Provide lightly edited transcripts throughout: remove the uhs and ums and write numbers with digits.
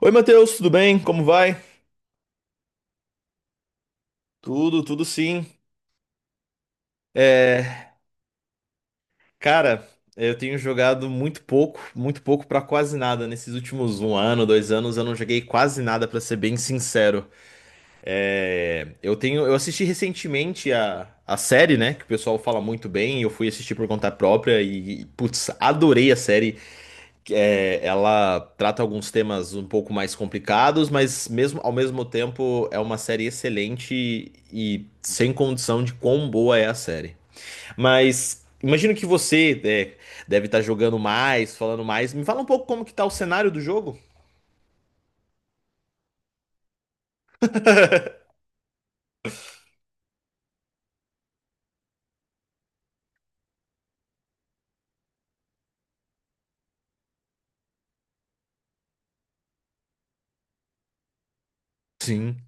Oi, Matheus, tudo bem? Como vai? Tudo, sim. É, Cara, eu tenho jogado muito pouco pra quase nada. Nesses últimos um ano, dois anos, eu não joguei quase nada, pra ser bem sincero. Eu assisti recentemente a série, né? Que o pessoal fala muito bem. Eu fui assistir por conta própria e, putz, adorei a série. Ela trata alguns temas um pouco mais complicados, mas mesmo ao mesmo tempo é uma série excelente e sem condição de quão boa é a série. Mas imagino que deve estar jogando mais, falando mais. Me fala um pouco como que tá o cenário do jogo? Sim.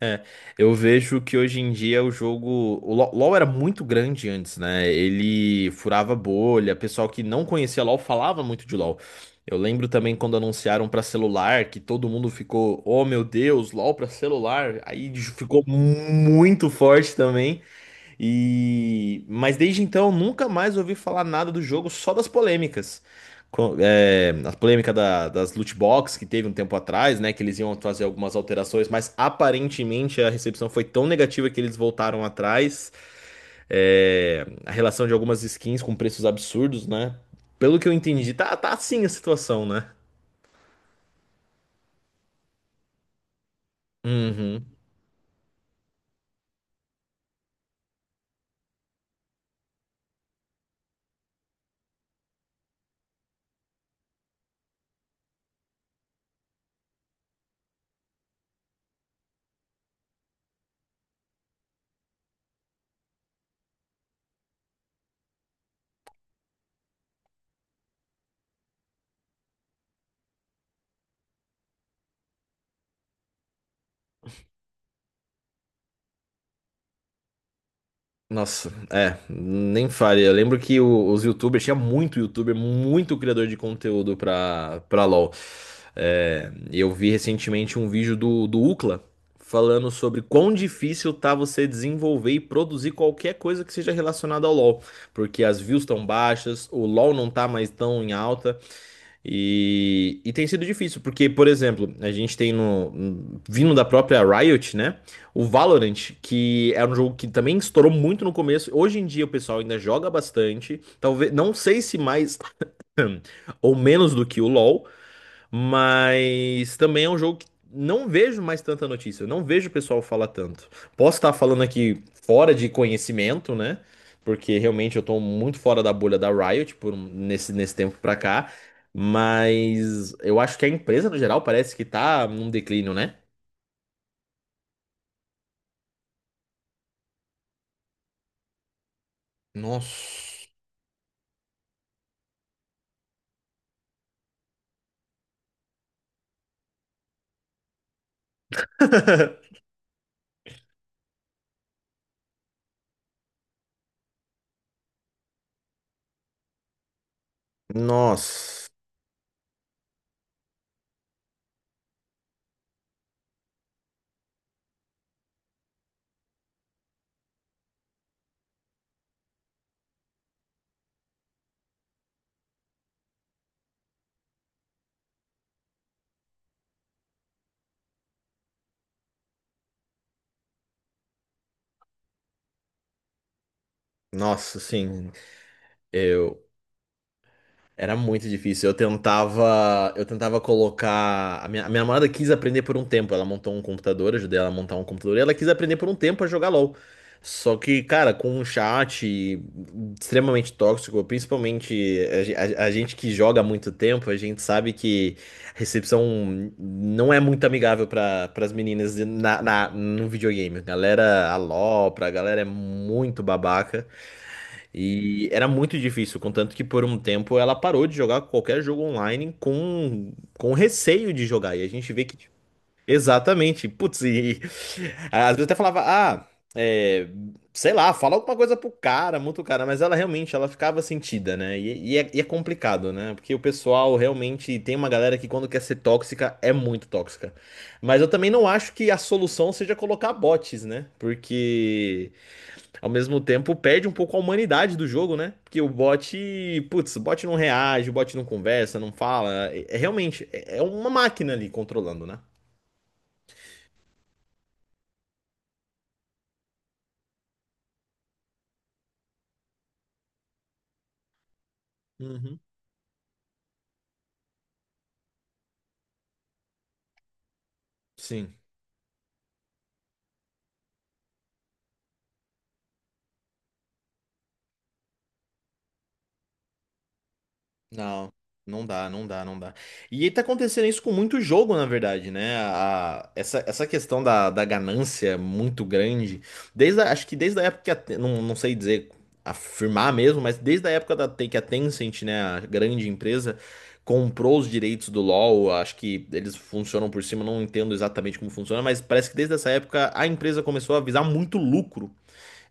É, eu vejo que hoje em dia o jogo. O LoL era muito grande antes, né? Ele furava bolha, pessoal que não conhecia LoL falava muito de LoL. Eu lembro também quando anunciaram pra celular que todo mundo ficou, oh meu Deus, LoL pra celular. Aí ficou muito forte também. E mas desde então nunca mais ouvi falar nada do jogo, só das polêmicas. A polêmica das loot box que teve um tempo atrás, né? Que eles iam fazer algumas alterações, mas aparentemente a recepção foi tão negativa que eles voltaram atrás. A relação de algumas skins com preços absurdos, né? Pelo que eu entendi, tá assim a situação, né? Uhum. Nossa, é, nem fale. Eu lembro que os YouTubers, tinha muito YouTuber, muito criador de conteúdo pra LoL. Eu vi recentemente um vídeo do ucla falando sobre quão difícil tá você desenvolver e produzir qualquer coisa que seja relacionada ao LoL. Porque as views estão baixas, o LoL não tá mais tão em alta. E tem sido difícil, porque, por exemplo, a gente tem no, vindo da própria Riot, né? O Valorant, que era um jogo que também estourou muito no começo, hoje em dia o pessoal ainda joga bastante, talvez, não sei se mais ou menos do que o LoL, mas também é um jogo que não vejo mais tanta notícia, não vejo o pessoal falar tanto. Posso estar falando aqui fora de conhecimento, né? Porque realmente eu tô muito fora da bolha da Riot por nesse tempo pra cá, mas eu acho que a empresa no geral parece que tá num declínio, né? Nossa. Nossa. Nossa, sim, eu era muito difícil. Eu tentava colocar. A minha namorada quis aprender por um tempo. Ela montou um computador, eu ajudei ela a montar um computador e ela quis aprender por um tempo a jogar LoL. Só que, cara, com um chat extremamente tóxico, principalmente a gente que joga há muito tempo, a gente sabe que a recepção não é muito amigável para as meninas na, no videogame. Galera alopra, a LOL, pra galera é muito babaca. E era muito difícil, contanto que por um tempo ela parou de jogar qualquer jogo online com receio de jogar. E a gente vê que. Tipo, exatamente. Putz, e às vezes até falava, é, sei lá, fala alguma coisa pro cara, muito cara, mas ela realmente ela ficava sentida, né? E é complicado, né? Porque o pessoal realmente tem uma galera que quando quer ser tóxica é muito tóxica. Mas eu também não acho que a solução seja colocar bots, né? Porque. Ao mesmo tempo, perde um pouco a humanidade do jogo, né? Porque o bot, putz, o bot não reage, o bot não conversa, não fala. É é uma máquina ali controlando, né? Uhum. Sim. Não, não dá, não dá, não dá. E tá acontecendo isso com muito jogo, na verdade, né? Essa questão da, da ganância é muito grande, desde acho que desde a época que a não, não sei dizer, afirmar mesmo, mas desde a época da, que a Tencent, né, a grande empresa, comprou os direitos do LoL, acho que eles funcionam por cima, não entendo exatamente como funciona, mas parece que desde essa época a empresa começou a visar muito lucro.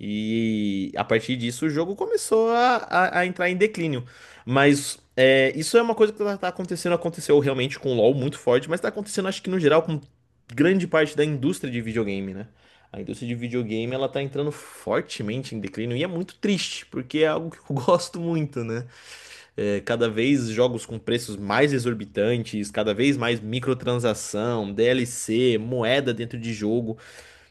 E a partir disso o jogo começou a entrar em declínio. Mas é, isso é uma coisa que tá acontecendo, aconteceu realmente com o LoL muito forte, mas tá acontecendo acho que no geral com grande parte da indústria de videogame, né? A indústria de videogame ela tá entrando fortemente em declínio e é muito triste, porque é algo que eu gosto muito, né? É, cada vez jogos com preços mais exorbitantes, cada vez mais microtransação, DLC, moeda dentro de jogo.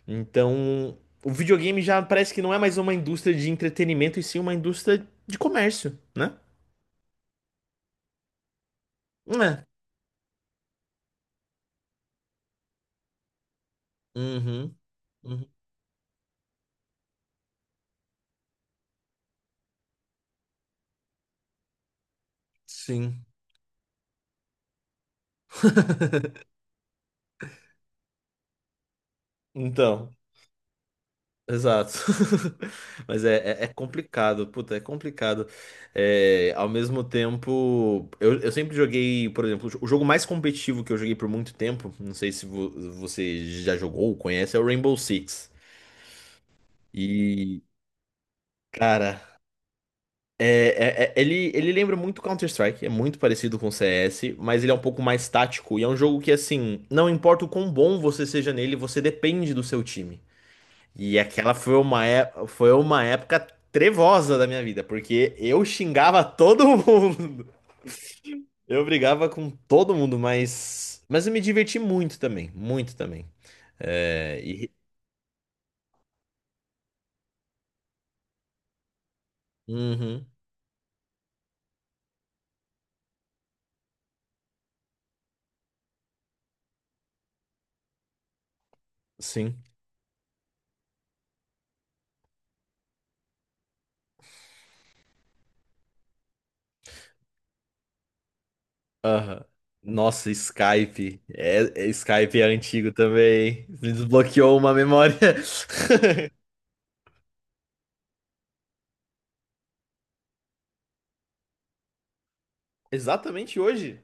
Então, o videogame já parece que não é mais uma indústria de entretenimento e sim uma indústria de comércio, né? É. Uhum. Uhum. Sim. Então, exato. Mas é complicado, puta, é complicado. É, ao mesmo tempo, eu sempre joguei, por exemplo, o jogo mais competitivo que eu joguei por muito tempo, não sei se vo- você já jogou ou conhece, é o Rainbow Six. E, cara, ele lembra muito Counter-Strike, é muito parecido com o CS, mas ele é um pouco mais tático e é um jogo que, assim, não importa o quão bom você seja nele, você depende do seu time. E aquela foi foi uma época trevosa da minha vida, porque eu xingava todo mundo. Eu brigava com todo mundo, mas eu me diverti muito também, muito também. É, e, uhum, sim. Aham. Nossa, Skype. É, Skype é antigo também. Me desbloqueou uma memória. Exatamente hoje.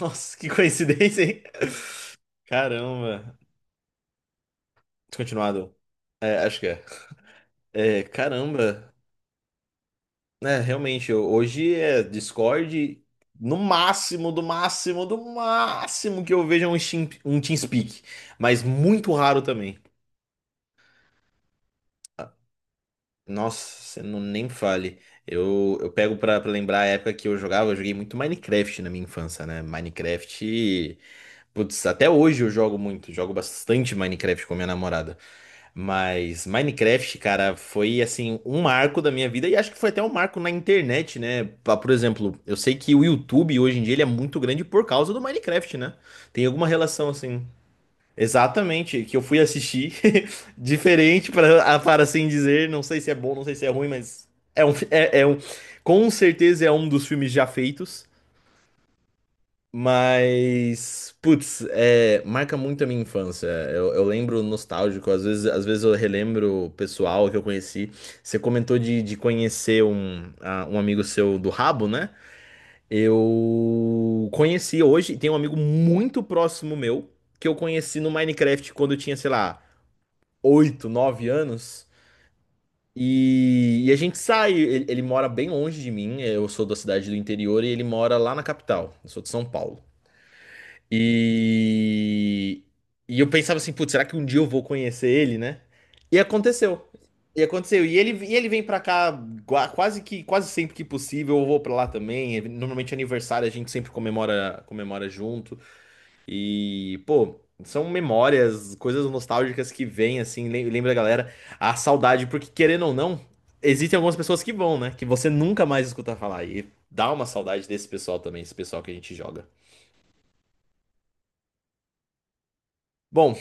Nossa, que coincidência, hein? Caramba. Descontinuado. É, acho que é. É, caramba. É, realmente, hoje é Discord. No máximo, do máximo, do máximo que eu vejo é um, um TeamSpeak. Mas muito raro também. Nossa, você não nem fale. Eu pego pra lembrar a época que eu jogava, eu joguei muito Minecraft na minha infância, né? Minecraft, putz, até hoje eu jogo muito, jogo bastante Minecraft com a minha namorada. Mas Minecraft, cara, foi assim um marco da minha vida e acho que foi até um marco na internet, né? Por exemplo, eu sei que o YouTube hoje em dia ele é muito grande por causa do Minecraft, né? Tem alguma relação assim? Exatamente, que eu fui assistir, diferente para para assim dizer, não sei se é bom, não sei se é ruim, mas é é um, com certeza é um dos filmes já feitos, mas putz, é, marca muito a minha infância. Eu lembro nostálgico, às vezes eu relembro o pessoal que eu conheci. Você comentou de conhecer um amigo seu do rabo, né? Eu conheci hoje, tem um amigo muito próximo meu que eu conheci no Minecraft quando eu tinha, sei lá, 8 9 anos. E a gente sai. Ele mora bem longe de mim. Eu sou da cidade do interior e ele mora lá na capital. Eu sou de São Paulo. E, e eu pensava assim, putz, será que um dia eu vou conhecer ele, né? E aconteceu. E aconteceu. E ele vem pra cá quase que quase sempre que possível. Eu vou pra lá também. Normalmente aniversário a gente sempre comemora junto. E, pô, são memórias, coisas nostálgicas que vêm, assim, lembra a galera a saudade, porque querendo ou não, existem algumas pessoas que vão, né? Que você nunca mais escuta falar. E dá uma saudade desse pessoal também, esse pessoal que a gente joga. Bom,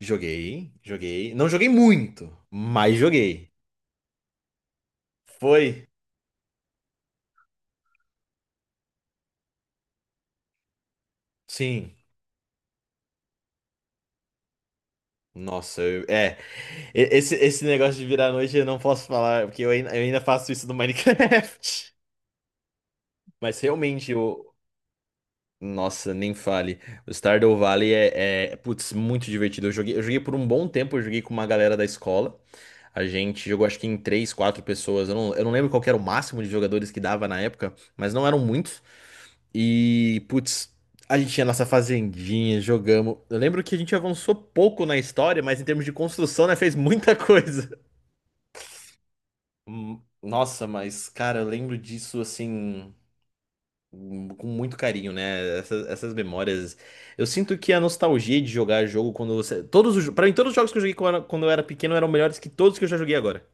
joguei, joguei. Não joguei muito, mas joguei. Foi? Sim. Nossa, é. Esse negócio de virar a noite eu não posso falar, porque eu ainda faço isso no Minecraft. Mas realmente, nossa, nem fale. O Stardew Valley putz, muito divertido. Eu joguei por um bom tempo, eu joguei com uma galera da escola. A gente jogou acho que em três, quatro pessoas. Eu não lembro qual que era o máximo de jogadores que dava na época, mas não eram muitos. E, putz, a gente tinha nossa fazendinha, jogamos. Eu lembro que a gente avançou pouco na história, mas em termos de construção, né, fez muita coisa. Nossa, mas, cara, eu lembro disso assim, com muito carinho, né? Essas memórias. Eu sinto que a nostalgia de jogar jogo quando você. Pra mim, todos os jogos que eu joguei quando eu era pequeno eram melhores que todos que eu já joguei agora.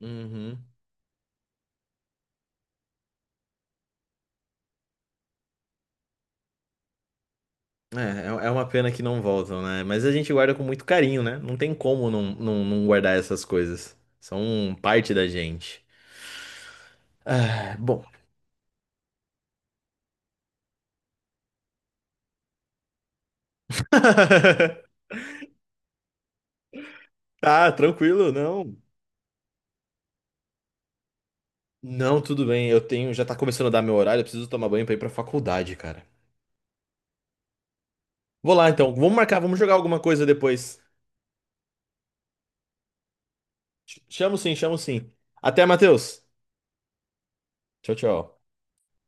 Uhum. É é uma pena que não voltam, né? Mas a gente guarda com muito carinho, né? Não tem como não, não, não guardar essas coisas. São parte da gente. Ah, bom. Tá, tranquilo, não. Não, tudo bem. Eu tenho, já tá começando a dar meu horário, eu preciso tomar banho pra ir pra faculdade, cara. Vou lá então. Vamos marcar, vamos jogar alguma coisa depois. Chamo sim, chamo sim. Até, Matheus. Tchau, tchau.